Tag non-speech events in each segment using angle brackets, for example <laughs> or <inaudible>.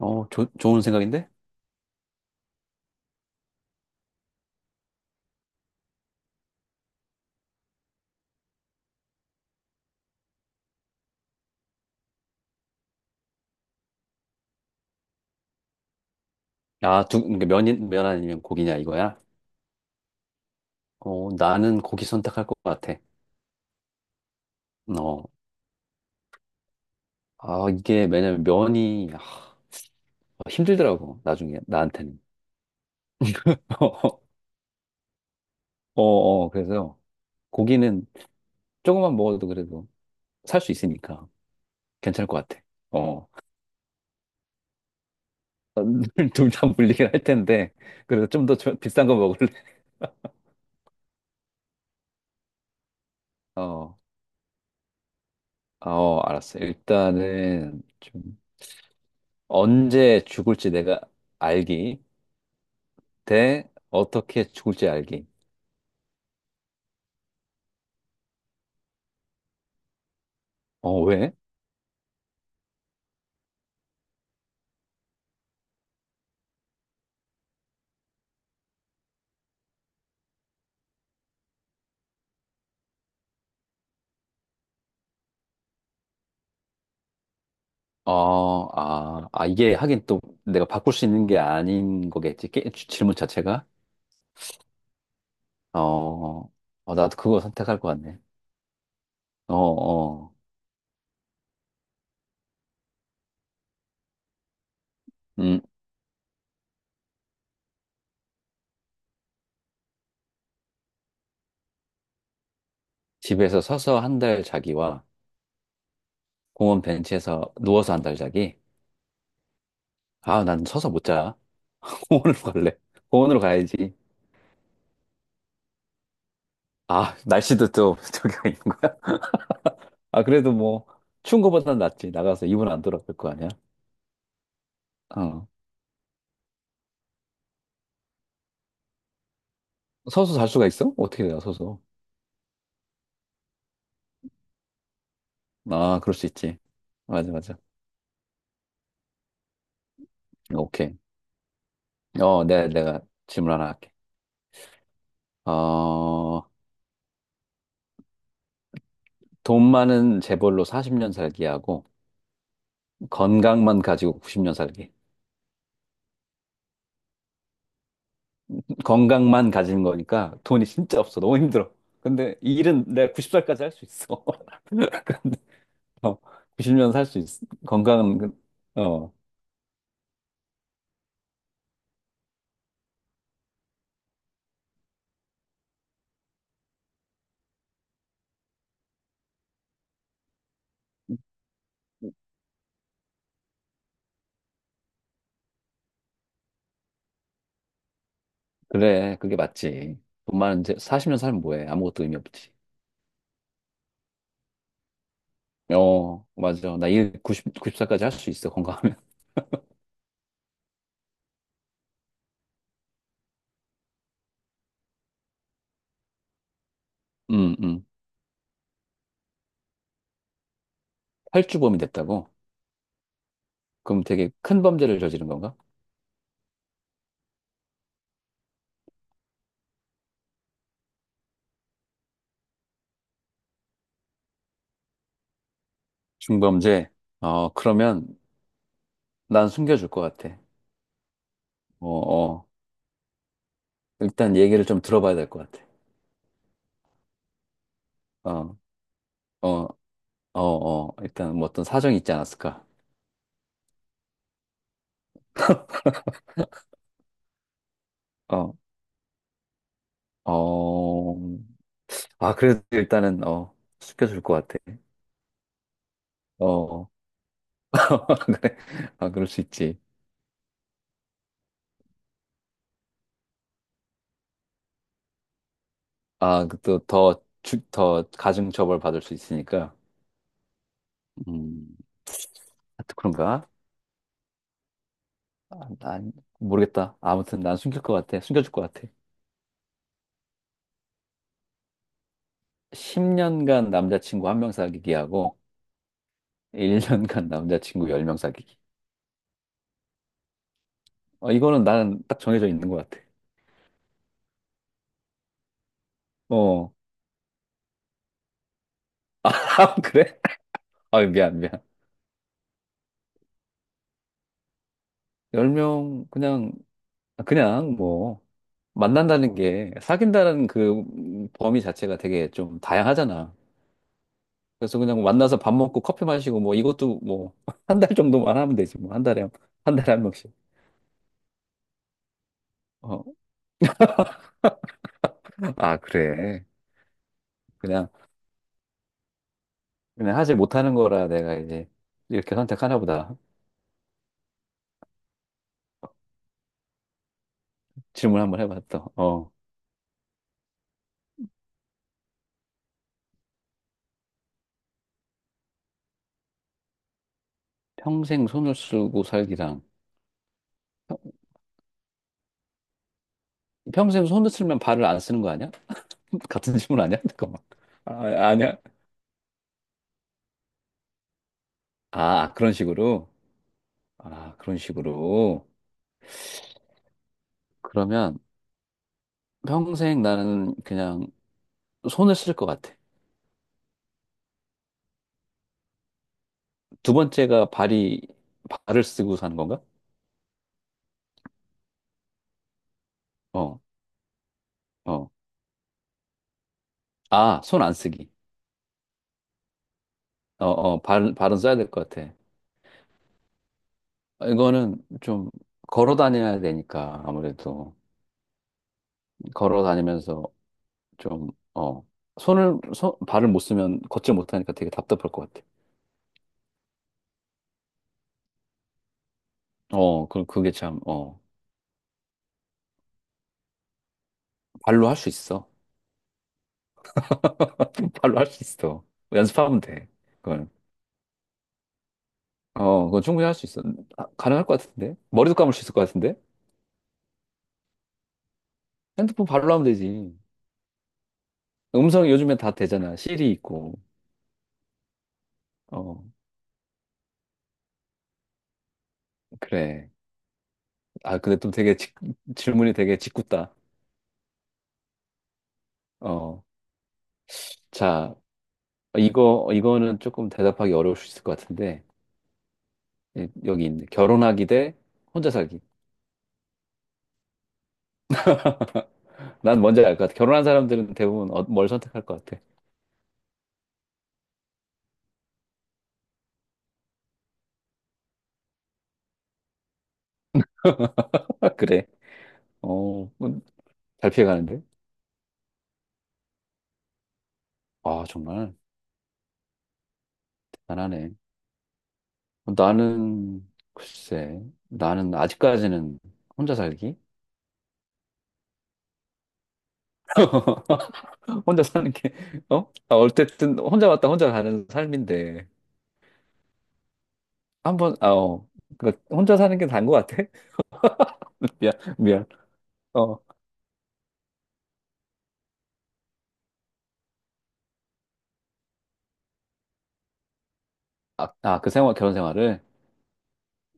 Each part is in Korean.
좋은 생각인데? 그러니까 면 아니면 고기냐, 이거야? 나는 고기 선택할 것 같아. 어, 이게, 왜냐면 면이, 힘들더라고, 나중에, 나한테는. <laughs> 그래서 고기는 조금만 먹어도 그래도 살 수 있으니까 괜찮을 것 같아. 어, <laughs> 둘 다 물리긴 할 텐데, 그래서 좀 더 비싼 거 먹을래? 어, 알았어. 일단은 좀 언제 죽을지 내가 알기. 대 어떻게 죽을지 알기. 왜? 이게 하긴 또 내가 바꿀 수 있는 게 아닌 거겠지. 질문 자체가. 어, 나도 그거 선택할 것 같네. 어, 어, 음, 집에서 서서 한 달 자기와 공원 벤치에서 누워서 한 달 자기. 아, 난 서서 못 자. <laughs> 공원으로 갈래. 공원으로 가야지. 아, 날씨도 또 <laughs> 저기가 있는 거야. 아, 그래도 뭐, 추운 거보단 낫지. 나가서 이불 안 돌아갈 거 아니야? 어. 서서 잘 수가 있어? 어떻게 내가 서서? 아, 그럴 수 있지. 맞아, 맞아. 오케이. 내가 질문 하나 할게. 어, 돈 많은 재벌로 40년 살기 하고, 건강만 가지고 90년 살기. 건강만 가진 거니까 돈이 진짜 없어. 너무 힘들어. 근데 이 일은 내가 90살까지 할 수 있어. <laughs> 근데, 어, 90년 살 수 있어. 건강은, 그래. 그게 맞지. 40년 살면 뭐해. 아무것도 의미 없지. 어, 맞아. 나 일 90, 90살까지 할 수 있어. 건강하면. 음, 음. 탈주범이 됐다고? 그럼 되게 큰 범죄를 저지른 건가? 중범죄? 그러면 난 숨겨줄 것 같아. 어, 어. 일단 얘기를 좀 들어봐야 될 것 같아. 어, 어, 일단 뭐 어떤 사정이 있지 않았을까? 어, 어. 아, 그래도 일단은, 숨겨줄 것 같아. 어, <laughs> 그래. 아, 그럴 수 있지. 아, 그 또 더 가중처벌 받을 수 있으니까. 음, 아 또 그런가? 아, 난 모르겠다. 아무튼 난 숨길 것 같아. 숨겨줄 것 같아. 10년간 남자친구 한 명 사귀기 하고 1년간 남자친구 10명 사귀기. 이거는 나는 딱 정해져 있는 것 같아. 어. <laughs> 아, 그래? 아, 미안, 미안. 10명 그냥 뭐 만난다는 게 사귄다는 그 범위 자체가 되게 좀 다양하잖아. 그래서 그냥 만나서 밥 먹고 커피 마시고 뭐 이것도 뭐 한 달 <laughs> 정도만 하면 되지 뭐 한 달에 한 명씩. 어. 아, 그래. 그냥 그냥 하지 못하는 거라 내가 이제 이렇게 선택하나 보다. 질문 한번 해봤다. 어. 평생 손을 쓰고 살기랑 평- 평생 손을 쓰면 발을 안 쓰는 거 아니야? <laughs> 같은 질문 아니야? <laughs> 잠깐만. 아, 아니야. 아, 그런 식으로. 아, 그런 식으로. 그러면 평생 나는 그냥 손을 쓸 것 같아. 두 번째가 발이 발을 쓰고 사는 건가? 어, 어. 아, 손 안 쓰기. 어, 어. 발 발은 써야 될 것 같아. 이거는 좀 걸어 다녀야 되니까 아무래도 걸어 다니면서 좀, 손을, 발을 못 쓰면 걷질 못하니까 되게 답답할 것 같아. 그게 참, 발로 할 수 있어. <laughs> 발로 할 수 있어. 연습하면 돼. 그건. 어, 그건 충분히 할 수 있어. 아, 가능할 것 같은데? 머리도 감을 수 있을 것 같은데? 핸드폰 발로 하면 되지. 음성이 요즘엔 다 되잖아. 시리 있고. 어, 그래. 아, 근데 또 되게 질문이 되게 짓궂다. 어, 자, 이거는 조금 대답하기 어려울 수 있을 것 같은데. 예, 여기 있네. 결혼하기 대 혼자 살기. 난 뭔지 알 것 같아. 결혼한 사람들은 대부분 어- 뭘 선택할 것 같아. <laughs> 그래. 어, 잘 피해가는데? 아, 정말 대단하네. 어, 나는, 글쎄, 나는 아직까지는 혼자 살기? <laughs> 혼자 사는 게, 어? 아, 어쨌든 혼자 왔다 혼자 가는 삶인데, 한 번, 아, 어. 그러니까 혼자 사는 게 나은 것 같아? <laughs> 미안, 미안. 어. 그 생활, 결혼 생활을,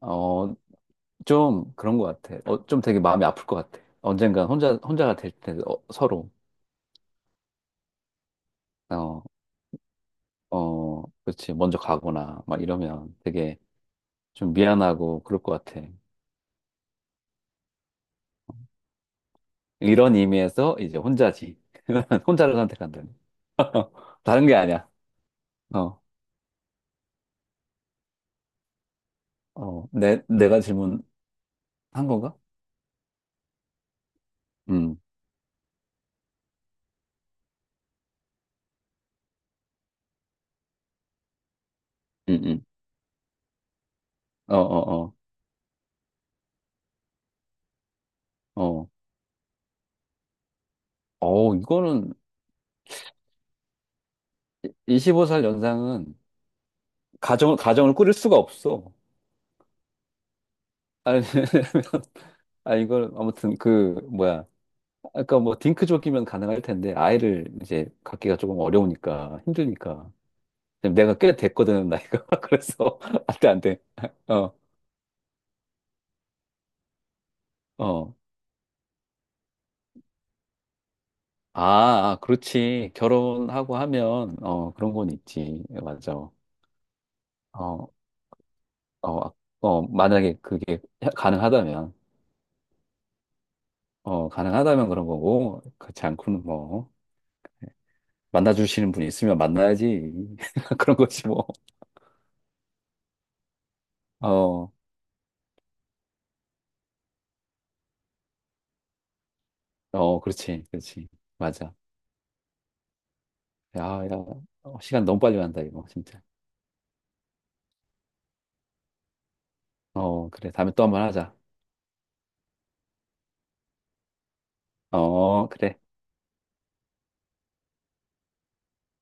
어, 좀 그런 것 같아. 좀 되게 마음이 아플 것 같아. 언젠가 혼자, 혼자가 될 때, 어, 서로. 어, 어, 그렇지. 먼저 가거나 막 이러면 되게 좀 미안하고 그럴 것 같아. 이런 의미에서 이제 혼자지. <laughs> 혼자를 선택한다니. <laughs> 다른 게 아니야. 어, 내가 질문한 건가? 음, 음, 음. 어, 어, 어, 어. 이거는 25살 연상은 가정을 꾸릴 수가 없어. 아니, <laughs> 왜냐면 아무튼, 뭐야. 아까 뭐, 딩크족이면 가능할 텐데, 아이를 이제 갖기가 조금 어려우니까, 힘드니까. 내가 꽤 됐거든, 나이가. <laughs> 그래서, <laughs> 안 돼, 안 돼. <laughs> 어, 어. 아, 그렇지. 결혼하고 하면, 어, 그런 건 있지. 예, 맞아. 어, 아, 만약에 그게 가능하다면, 가능하다면 그런 거고, 그렇지 않고는 뭐, 만나주시는 분이 있으면 만나야지. <laughs> 그런 거지, 뭐. 어, 어, 그렇지, 그렇지. 맞아. 야, 야, 어, 시간 너무 빨리 간다, 이거, 진짜. 어, 그래. 다음에 또 한번 하자. 어, 그래.